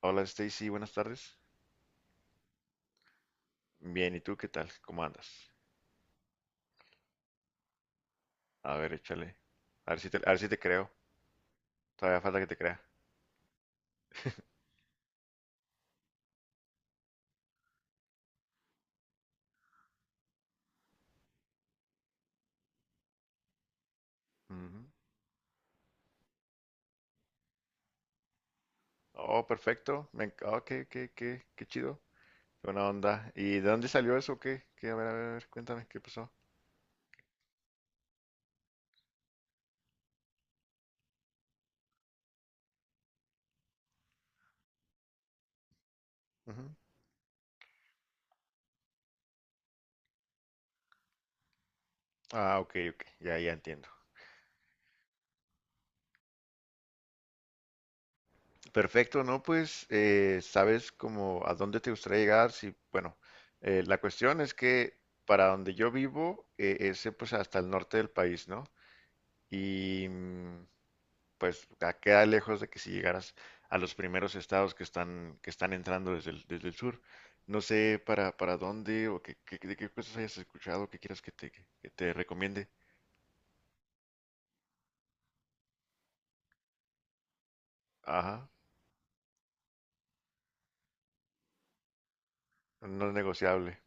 Hola Stacy, buenas tardes. Bien, ¿y tú qué tal? ¿Cómo andas? A ver, échale. A ver si te creo. Todavía falta que te crea. Ujú. Oh, perfecto. Oh, qué chido. Qué buena onda. ¿Y de dónde salió eso? ¿Qué? ¿Qué? A ver, a ver, a ver, cuéntame, ¿qué pasó? Ujú. Ah, ok, ok. Ya, ya entiendo. Perfecto, ¿no? Pues, ¿sabes como a dónde te gustaría llegar? Sí, bueno, la cuestión es que para donde yo vivo es pues hasta el norte del país, ¿no? Y pues queda lejos de que si llegaras a los primeros estados que están entrando desde el sur. No sé para dónde o de qué cosas hayas escuchado que quieras que te recomiende. Ajá, no es negociable.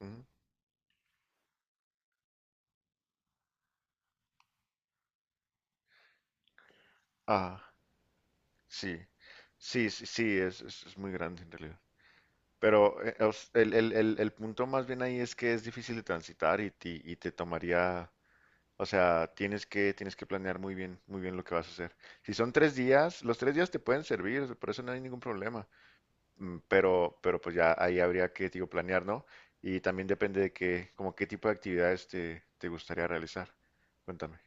Ujú. Ajá, sí, sí, sí, sí, es muy grande en realidad. Pero el punto más bien ahí es que es difícil de transitar y te tomaría. O sea, tienes que planear muy bien lo que vas a hacer. Si son 3 días, los 3 días te pueden servir, por eso no hay ningún problema. Pero pues ya ahí habría que, digo, planear, ¿no? Y también depende de qué, como qué tipo de actividades te gustaría realizar. Cuéntame.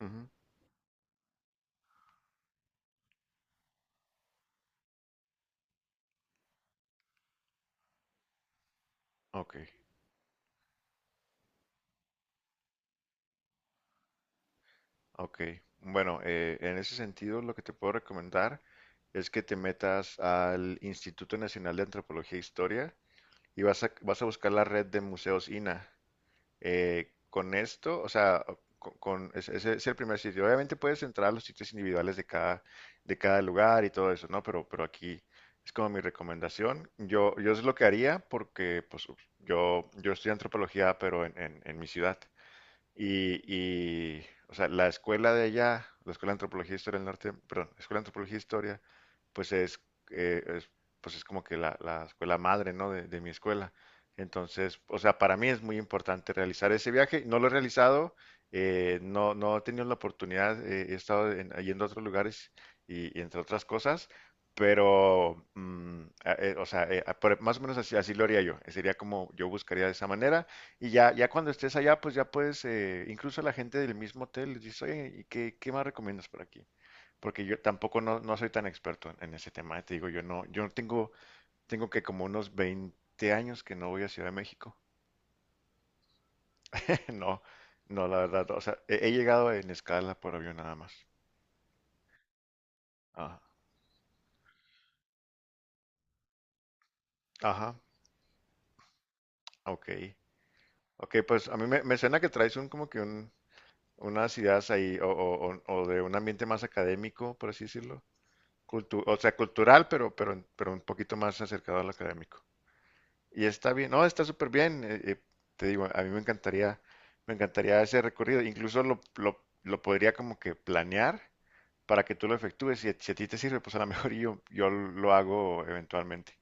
Ujú. Ok, ok. Bueno, en ese sentido, lo que te puedo recomendar es que te metas al Instituto Nacional de Antropología e Historia y vas a buscar la red de museos INAH. Con esto, o sea, ese es el primer sitio. Obviamente puedes entrar a los sitios individuales de cada lugar y todo eso, ¿no? Pero aquí es como mi recomendación. Yo es lo que haría porque, pues, yo estudio antropología, pero en mi ciudad. Y, o sea, la escuela de allá, la Escuela de Antropología e Historia del Norte, perdón, Escuela de Antropología e Historia, pues eh, es- es como que la escuela madre, ¿no? De mi escuela. Entonces, o sea, para mí es muy importante realizar ese viaje. No lo he realizado, no, no he tenido la oportunidad, he estado yendo a otros lugares y entre otras cosas, pero, o sea, más o menos así, así lo haría yo. Sería como yo buscaría de esa manera. Y ya, ya cuando estés allá, pues ya puedes, incluso la gente del mismo hotel les dice, oye, ¿y qué más recomiendas por aquí? Porque yo tampoco no, no soy tan experto en ese tema, te digo, yo no tengo que como unos 20 años que no voy a Ciudad de México. No, no, la verdad, o sea, he llegado en escala por avión nada más. Ajá, ajá, ok. Ok, pues a mí me suena que traes un como que unas ideas ahí o de un ambiente más académico, por así decirlo. O sea, cultural, pero, pero un poquito más acercado al académico. Y está bien, no, está súper bien. Te digo, a mí me encantaría ese recorrido. Incluso lo podría como que planear para que tú lo efectúes. Si a ti te sirve, pues a lo mejor yo lo hago eventualmente.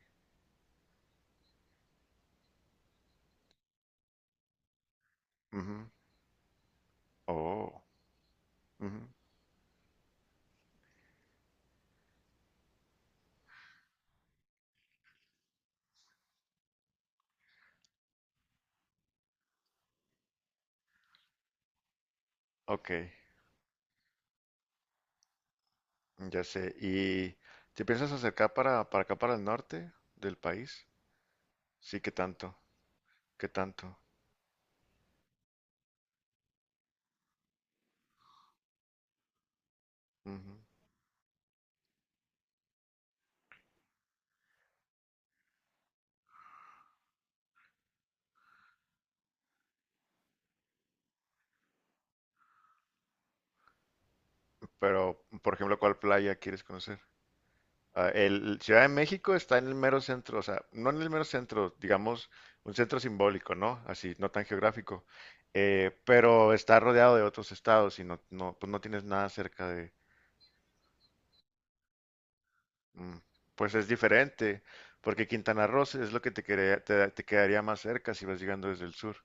Ujú. Oh, ujú. Ok, ya sé. ¿Y te piensas acercar para acá, para el norte del país? Sí, ¿qué tanto? ¿Qué tanto? Ujú. Pero, por ejemplo, ¿cuál playa quieres conocer? Ah, el Ciudad de México está en el mero centro, o sea, no en el mero centro, digamos, un centro simbólico, ¿no? Así, no tan geográfico, pero está rodeado de otros estados y no, no, pues no tienes nada cerca de. mm, pues es diferente, porque Quintana Roo es lo que te quedaría más cerca si vas llegando desde el sur.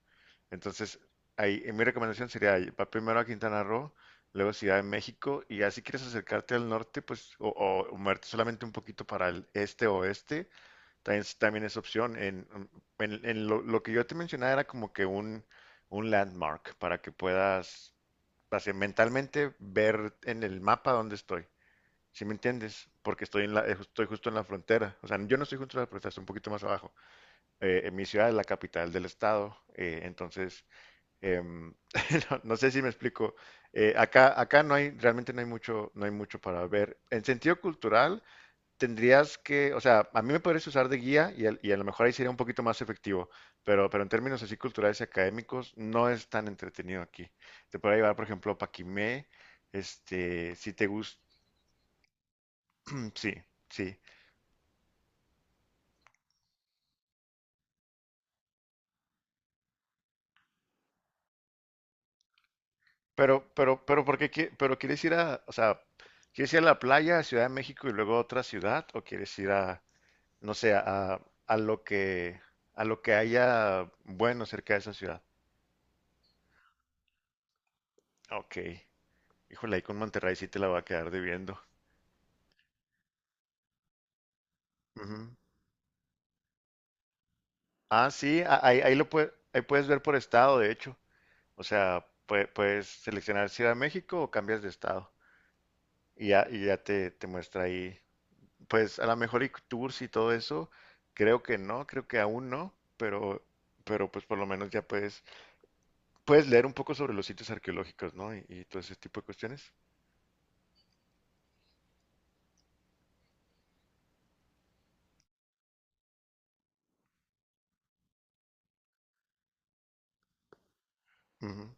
Entonces, ahí, mi recomendación sería, ahí, va primero a Quintana Roo, luego Ciudad de México, y ya si quieres acercarte al norte, pues, o moverte solamente un poquito para el este o oeste. También es opción. En lo que yo te mencionaba era como que un landmark para que puedas así, mentalmente ver en el mapa dónde estoy. ¿Sí me entiendes? Porque estoy justo en la frontera. O sea, yo no estoy justo en la frontera, estoy un poquito más abajo. En mi ciudad es la capital del estado. Entonces, em, no, no sé si me explico. Acá no hay, realmente no hay mucho, no hay mucho para ver. En sentido cultural, tendrías que, o sea, a mí me podrías usar de guía y a lo mejor ahí sería un poquito más efectivo, pero en términos así culturales y académicos no es tan entretenido aquí. Te podría llevar, por ejemplo, a Paquimé, este, si te gusta. Sí, sí, pero, pero, pero quieres ir a, o sea, quieres ir a la playa, a Ciudad de México y luego a otra ciudad o quieres ir a, no sé, a lo que, a lo que haya bueno cerca de esa ciudad? Ok, híjole, ahí con Monterrey sí te la va a quedar debiendo. Ujú. Ah, sí, ahí puedes ver por estado, de hecho. O sea, puedes seleccionar si de México o cambias de estado. Y ya te muestra ahí. Pues a lo mejor y tours y todo eso, creo que no, creo que aún no, pero pues por lo menos ya puedes, puedes leer un poco sobre los sitios arqueológicos, ¿no? Y todo ese tipo de cuestiones. Ujú.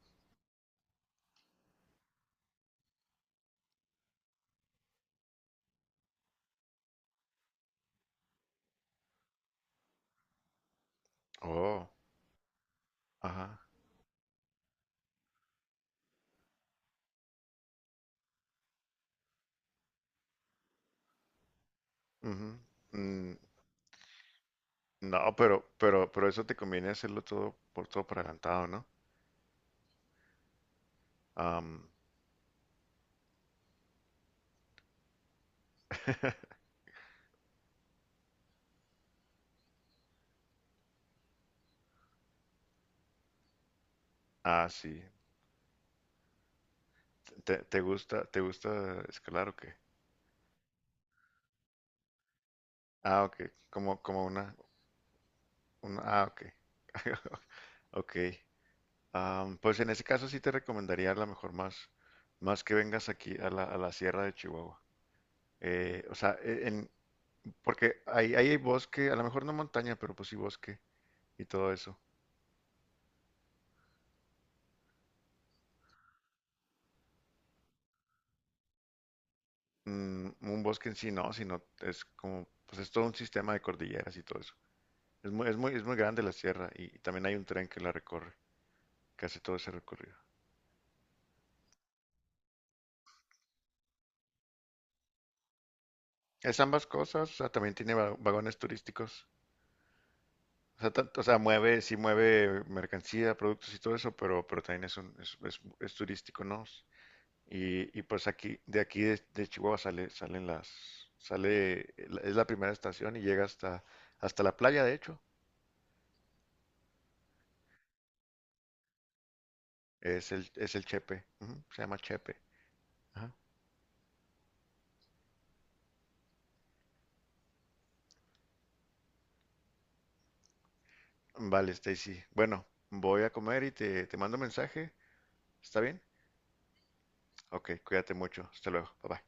Oh, ajá. Ujú. Mm, no, pero eso te conviene hacerlo todo por todo por adelantado, ¿no? Am, ah, sí. ¿Te gusta, te gusta, escalar o qué? Ah, ok. Como una, ah, ok. Ok. Pues en ese caso sí te recomendaría a lo mejor más, más que vengas aquí a a la Sierra de Chihuahua. O sea, porque ahí hay bosque, a lo mejor no montaña, pero pues sí bosque y todo eso. Un bosque en sí no, sino es como, pues es todo un sistema de cordilleras y todo eso. Es muy grande la sierra y también hay un tren que la recorre, que hace todo ese recorrido. Es ambas cosas, o sea, también tiene vagones turísticos. O sea, o sea, mueve, sí mueve mercancía, productos y todo eso, pero también es, un, es turístico, ¿no? Y pues aquí, de aquí de Chihuahua sale, salen las, sale, es la primera estación y llega hasta la playa, de hecho. Es el Chepe, ujú, se llama Chepe. Ajá. Vale, Stacy. Bueno, voy a comer y te mando mensaje. ¿Está bien? Ok, cuídate mucho. Hasta luego. Bye bye.